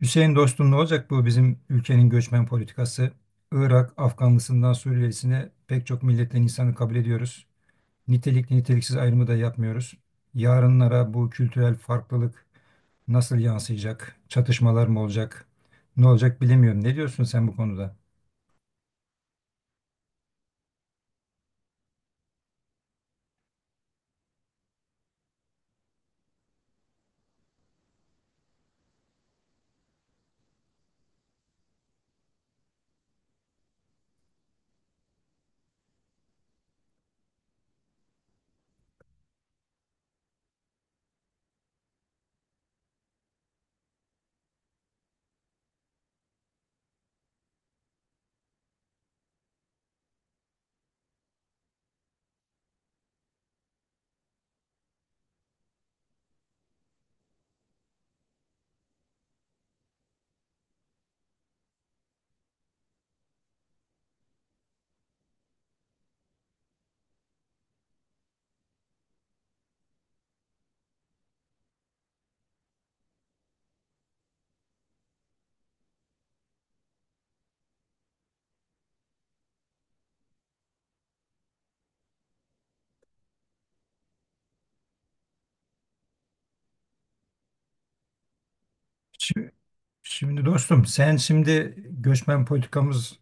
Hüseyin dostum ne olacak bu bizim ülkenin göçmen politikası? Irak, Afganlısından Suriyelisine pek çok milletten insanı kabul ediyoruz. Nitelikli niteliksiz ayrımı da yapmıyoruz. Yarınlara bu kültürel farklılık nasıl yansıyacak? Çatışmalar mı olacak? Ne olacak bilemiyorum. Ne diyorsun sen bu konuda? Şimdi, şimdi dostum sen şimdi göçmen politikamız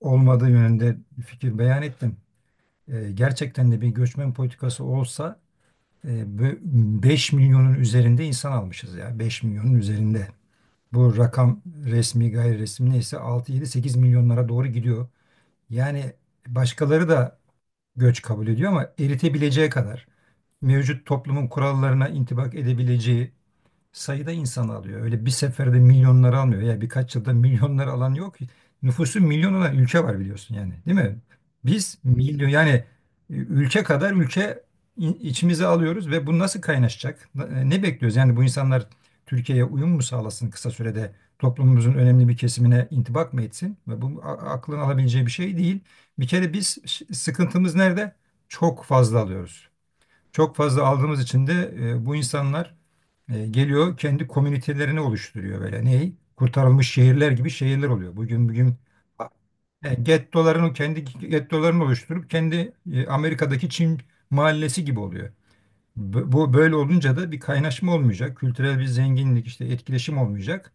olmadığı yönünde fikir beyan ettin. Gerçekten de bir göçmen politikası olsa. E, bu 5 milyonun üzerinde insan almışız ya, 5 milyonun üzerinde. Bu rakam resmi gayri resmi neyse 6, 7, 8 milyonlara doğru gidiyor. Yani başkaları da göç kabul ediyor ama eritebileceği kadar, mevcut toplumun kurallarına intibak edebileceği sayıda insan alıyor. Öyle bir seferde milyonları almıyor. Ya birkaç yılda milyonları alan yok. Nüfusu milyon olan ülke var biliyorsun yani, değil mi? Biz milyon yani ülke kadar ülke içimize alıyoruz ve bu nasıl kaynaşacak? Ne bekliyoruz? Yani bu insanlar Türkiye'ye uyum mu sağlasın kısa sürede? Toplumumuzun önemli bir kesimine intibak mı etsin? Ve bu aklın alabileceği bir şey değil. Bir kere biz, sıkıntımız nerede? Çok fazla alıyoruz. Çok fazla aldığımız için de bu insanlar geliyor, kendi komünitelerini oluşturuyor böyle. Ney? Kurtarılmış şehirler gibi şehirler oluyor. Bugün e, gettolarını kendi gettolarını oluşturup, kendi Amerika'daki Çin mahallesi gibi oluyor. Bu böyle olunca da bir kaynaşma olmayacak, kültürel bir zenginlik, işte etkileşim olmayacak,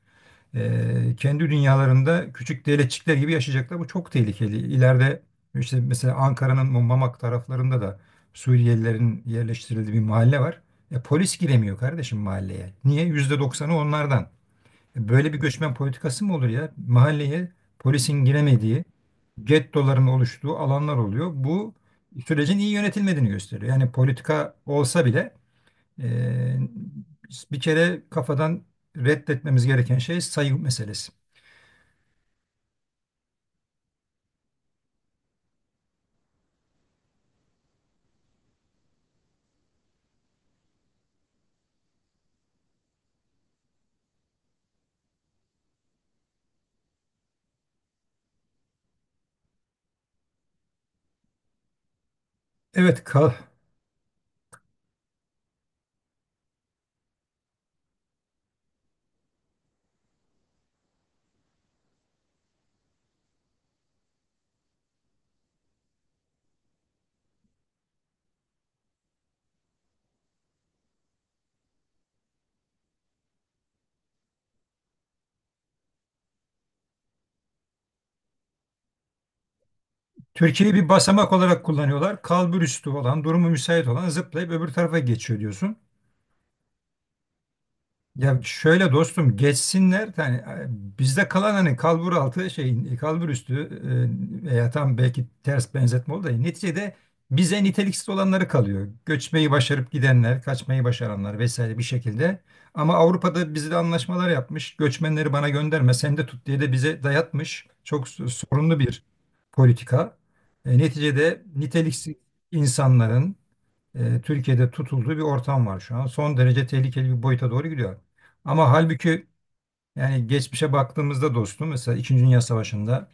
kendi dünyalarında küçük devletçikler gibi yaşayacaklar. Bu çok tehlikeli. İleride işte mesela Ankara'nın bu Mamak taraflarında da Suriyelilerin yerleştirildiği bir mahalle var. Polis giremiyor kardeşim mahalleye. Niye? %90'ı onlardan. Böyle bir göçmen politikası mı olur ya? Mahalleye polisin giremediği, gettoların oluştuğu alanlar oluyor. Bu sürecin iyi yönetilmediğini gösteriyor. Yani politika olsa bile, e, bir kere kafadan reddetmemiz gereken şey sayı meselesi. Evet, kal. Türkiye'yi bir basamak olarak kullanıyorlar. Kalburüstü olan, durumu müsait olan zıplayıp öbür tarafa geçiyor diyorsun. Ya şöyle dostum, geçsinler yani, bizde kalan hani kalbur altı şey, kalbur üstü veya tam, belki ters benzetme oldu da neticede bize niteliksiz olanları kalıyor. Göçmeyi başarıp gidenler, kaçmayı başaranlar vesaire bir şekilde. Ama Avrupa'da bizle anlaşmalar yapmış. Göçmenleri bana gönderme, sen de tut diye de bize dayatmış. Çok sorunlu bir politika. Neticede niteliksiz insanların Türkiye'de tutulduğu bir ortam var şu an. Son derece tehlikeli bir boyuta doğru gidiyor. Ama halbuki yani, geçmişe baktığımızda dostum, mesela İkinci Dünya Savaşı'nda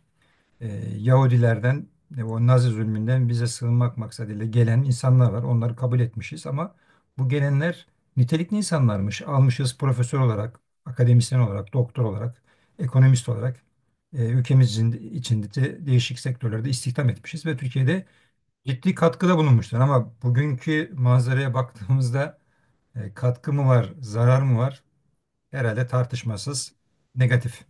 e, Yahudilerden, o Nazi zulmünden bize sığınmak maksadıyla gelen insanlar var. Onları kabul etmişiz ama bu gelenler nitelikli insanlarmış. Almışız, profesör olarak, akademisyen olarak, doktor olarak, ekonomist olarak, ülkemizin içinde de değişik sektörlerde istihdam etmişiz ve Türkiye'de ciddi katkıda bulunmuşlar. Ama bugünkü manzaraya baktığımızda katkı mı var, zarar mı var? Herhalde tartışmasız negatif.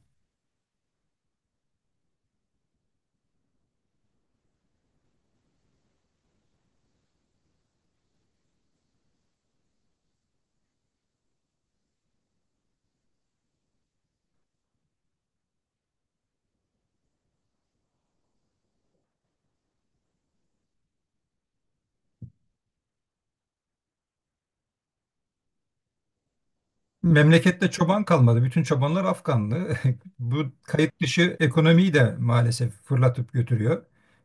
Memlekette çoban kalmadı. Bütün çobanlar Afganlı. Bu kayıt dışı ekonomiyi de maalesef fırlatıp götürüyor.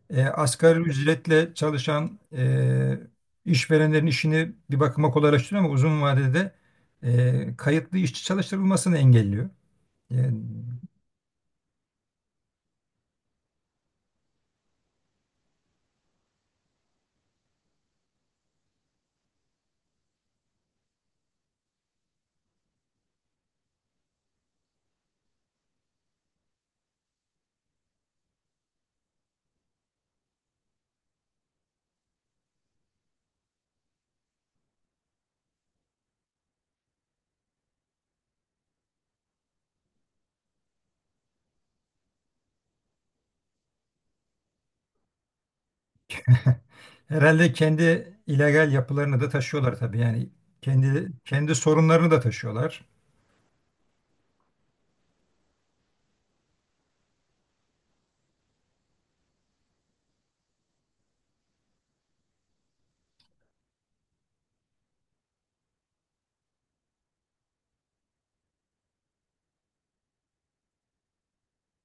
Asgari ücretle çalışan işverenlerin işini bir bakıma kolaylaştırıyor ama uzun vadede kayıtlı işçi çalıştırılmasını engelliyor. E, Herhalde kendi illegal yapılarını da taşıyorlar tabii. Yani kendi sorunlarını da taşıyorlar.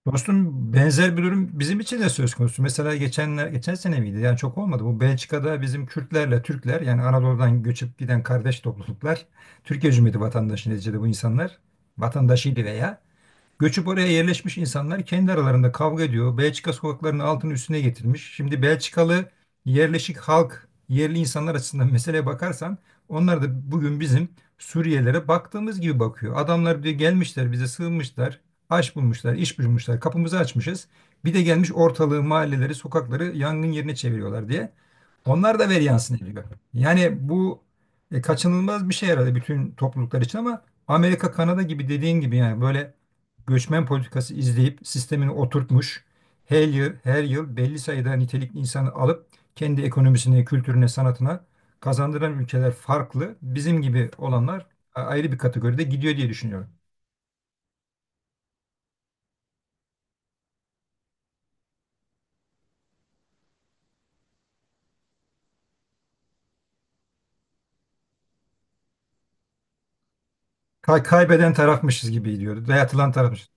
Dostum benzer bir durum bizim için de söz konusu. Mesela geçen sene miydi? Yani çok olmadı. Bu Belçika'da bizim Kürtlerle Türkler, yani Anadolu'dan göçüp giden kardeş topluluklar, Türkiye Cumhuriyeti vatandaşı neticede bu insanlar, vatandaşıydı veya göçüp oraya yerleşmiş insanlar kendi aralarında kavga ediyor. Belçika sokaklarının altını üstüne getirmiş. Şimdi Belçikalı yerleşik halk, yerli insanlar açısından meseleye bakarsan, onlar da bugün bizim Suriyelilere baktığımız gibi bakıyor. Adamlar diyor, gelmişler bize sığınmışlar, aş bulmuşlar, iş bulmuşlar, kapımızı açmışız. Bir de gelmiş ortalığı, mahalleleri, sokakları yangın yerine çeviriyorlar diye. Onlar da veri yansın ediyor. Yani bu kaçınılmaz bir şey herhalde bütün topluluklar için ama Amerika, Kanada gibi, dediğin gibi yani böyle göçmen politikası izleyip sistemini oturtmuş, her yıl, her yıl belli sayıda nitelikli insanı alıp kendi ekonomisine, kültürüne, sanatına kazandıran ülkeler farklı. Bizim gibi olanlar ayrı bir kategoride gidiyor diye düşünüyorum. Kaybeden tarafmışız gibi gidiyordu. Dayatılan tarafmışız.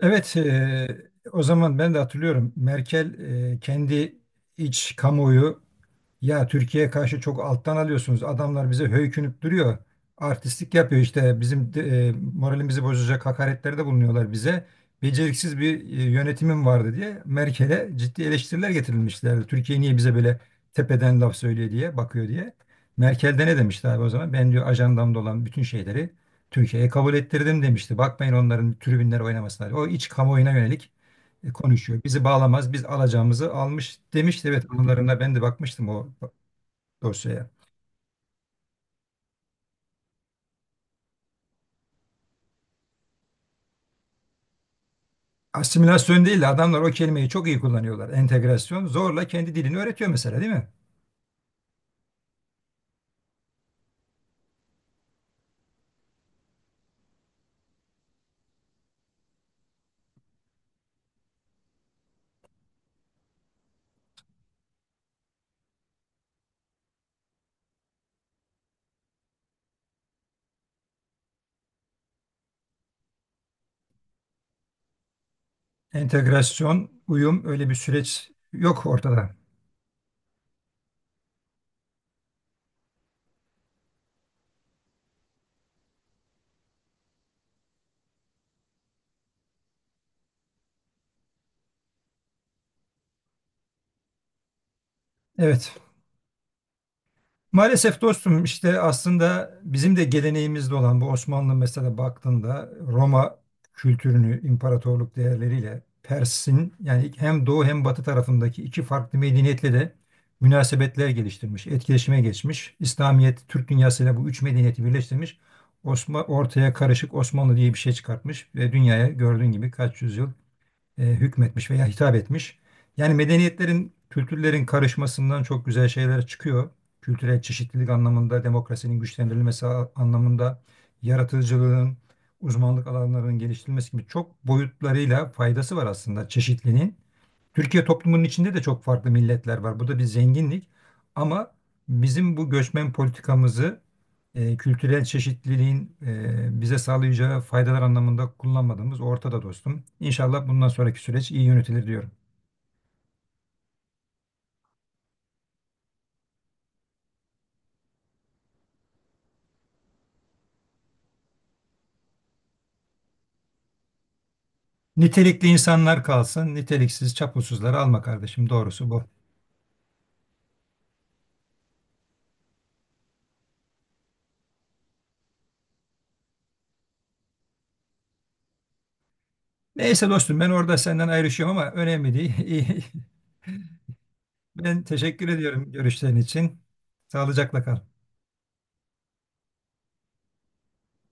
Evet, o zaman ben de hatırlıyorum. Merkel, kendi iç kamuoyu, ya Türkiye'ye karşı çok alttan alıyorsunuz. Adamlar bize höykünüp duruyor. Artistlik yapıyor işte. Bizim moralimizi bozacak hakaretlerde bulunuyorlar bize. Beceriksiz bir yönetimim vardı diye Merkel'e ciddi eleştiriler getirilmişlerdi. Türkiye niye bize böyle tepeden laf söylüyor diye, bakıyor diye. Merkel de ne demişti abi o zaman? Ben diyor ajandamda olan bütün şeyleri Türkiye'ye kabul ettirdim demişti. Bakmayın onların tribünler oynamasına. O iç kamuoyuna yönelik konuşuyor. Bizi bağlamaz, biz alacağımızı almış demişti. Evet, anılarına ben de bakmıştım o dosyaya. Asimilasyon değil de adamlar o kelimeyi çok iyi kullanıyorlar. Entegrasyon zorla kendi dilini öğretiyor mesela, değil mi? Entegrasyon, uyum, öyle bir süreç yok ortada. Evet. Maalesef dostum işte, aslında bizim de geleneğimizde olan bu, Osmanlı mesela baktığında Roma kültürünü, imparatorluk değerleriyle Pers'in, yani hem doğu hem batı tarafındaki iki farklı medeniyetle de münasebetler geliştirmiş, etkileşime geçmiş. İslamiyet, Türk dünyasıyla bu üç medeniyeti birleştirmiş. Ortaya karışık Osmanlı diye bir şey çıkartmış ve dünyaya gördüğün gibi kaç yüzyıl hükmetmiş veya hitap etmiş. Yani medeniyetlerin, kültürlerin karışmasından çok güzel şeyler çıkıyor. Kültürel çeşitlilik anlamında, demokrasinin güçlendirilmesi anlamında, yaratıcılığın, uzmanlık alanlarının geliştirilmesi gibi çok boyutlarıyla faydası var aslında çeşitliliğin. Türkiye toplumunun içinde de çok farklı milletler var. Bu da bir zenginlik. Ama bizim bu göçmen politikamızı kültürel çeşitliliğin bize sağlayacağı faydalar anlamında kullanmadığımız ortada dostum. İnşallah bundan sonraki süreç iyi yönetilir diyorum. Nitelikli insanlar kalsın, niteliksiz çapulsuzları alma kardeşim. Doğrusu bu. Neyse dostum, ben orada senden ayrışıyorum ama önemli değil. Ben teşekkür ediyorum görüşlerin için. Sağlıcakla kal.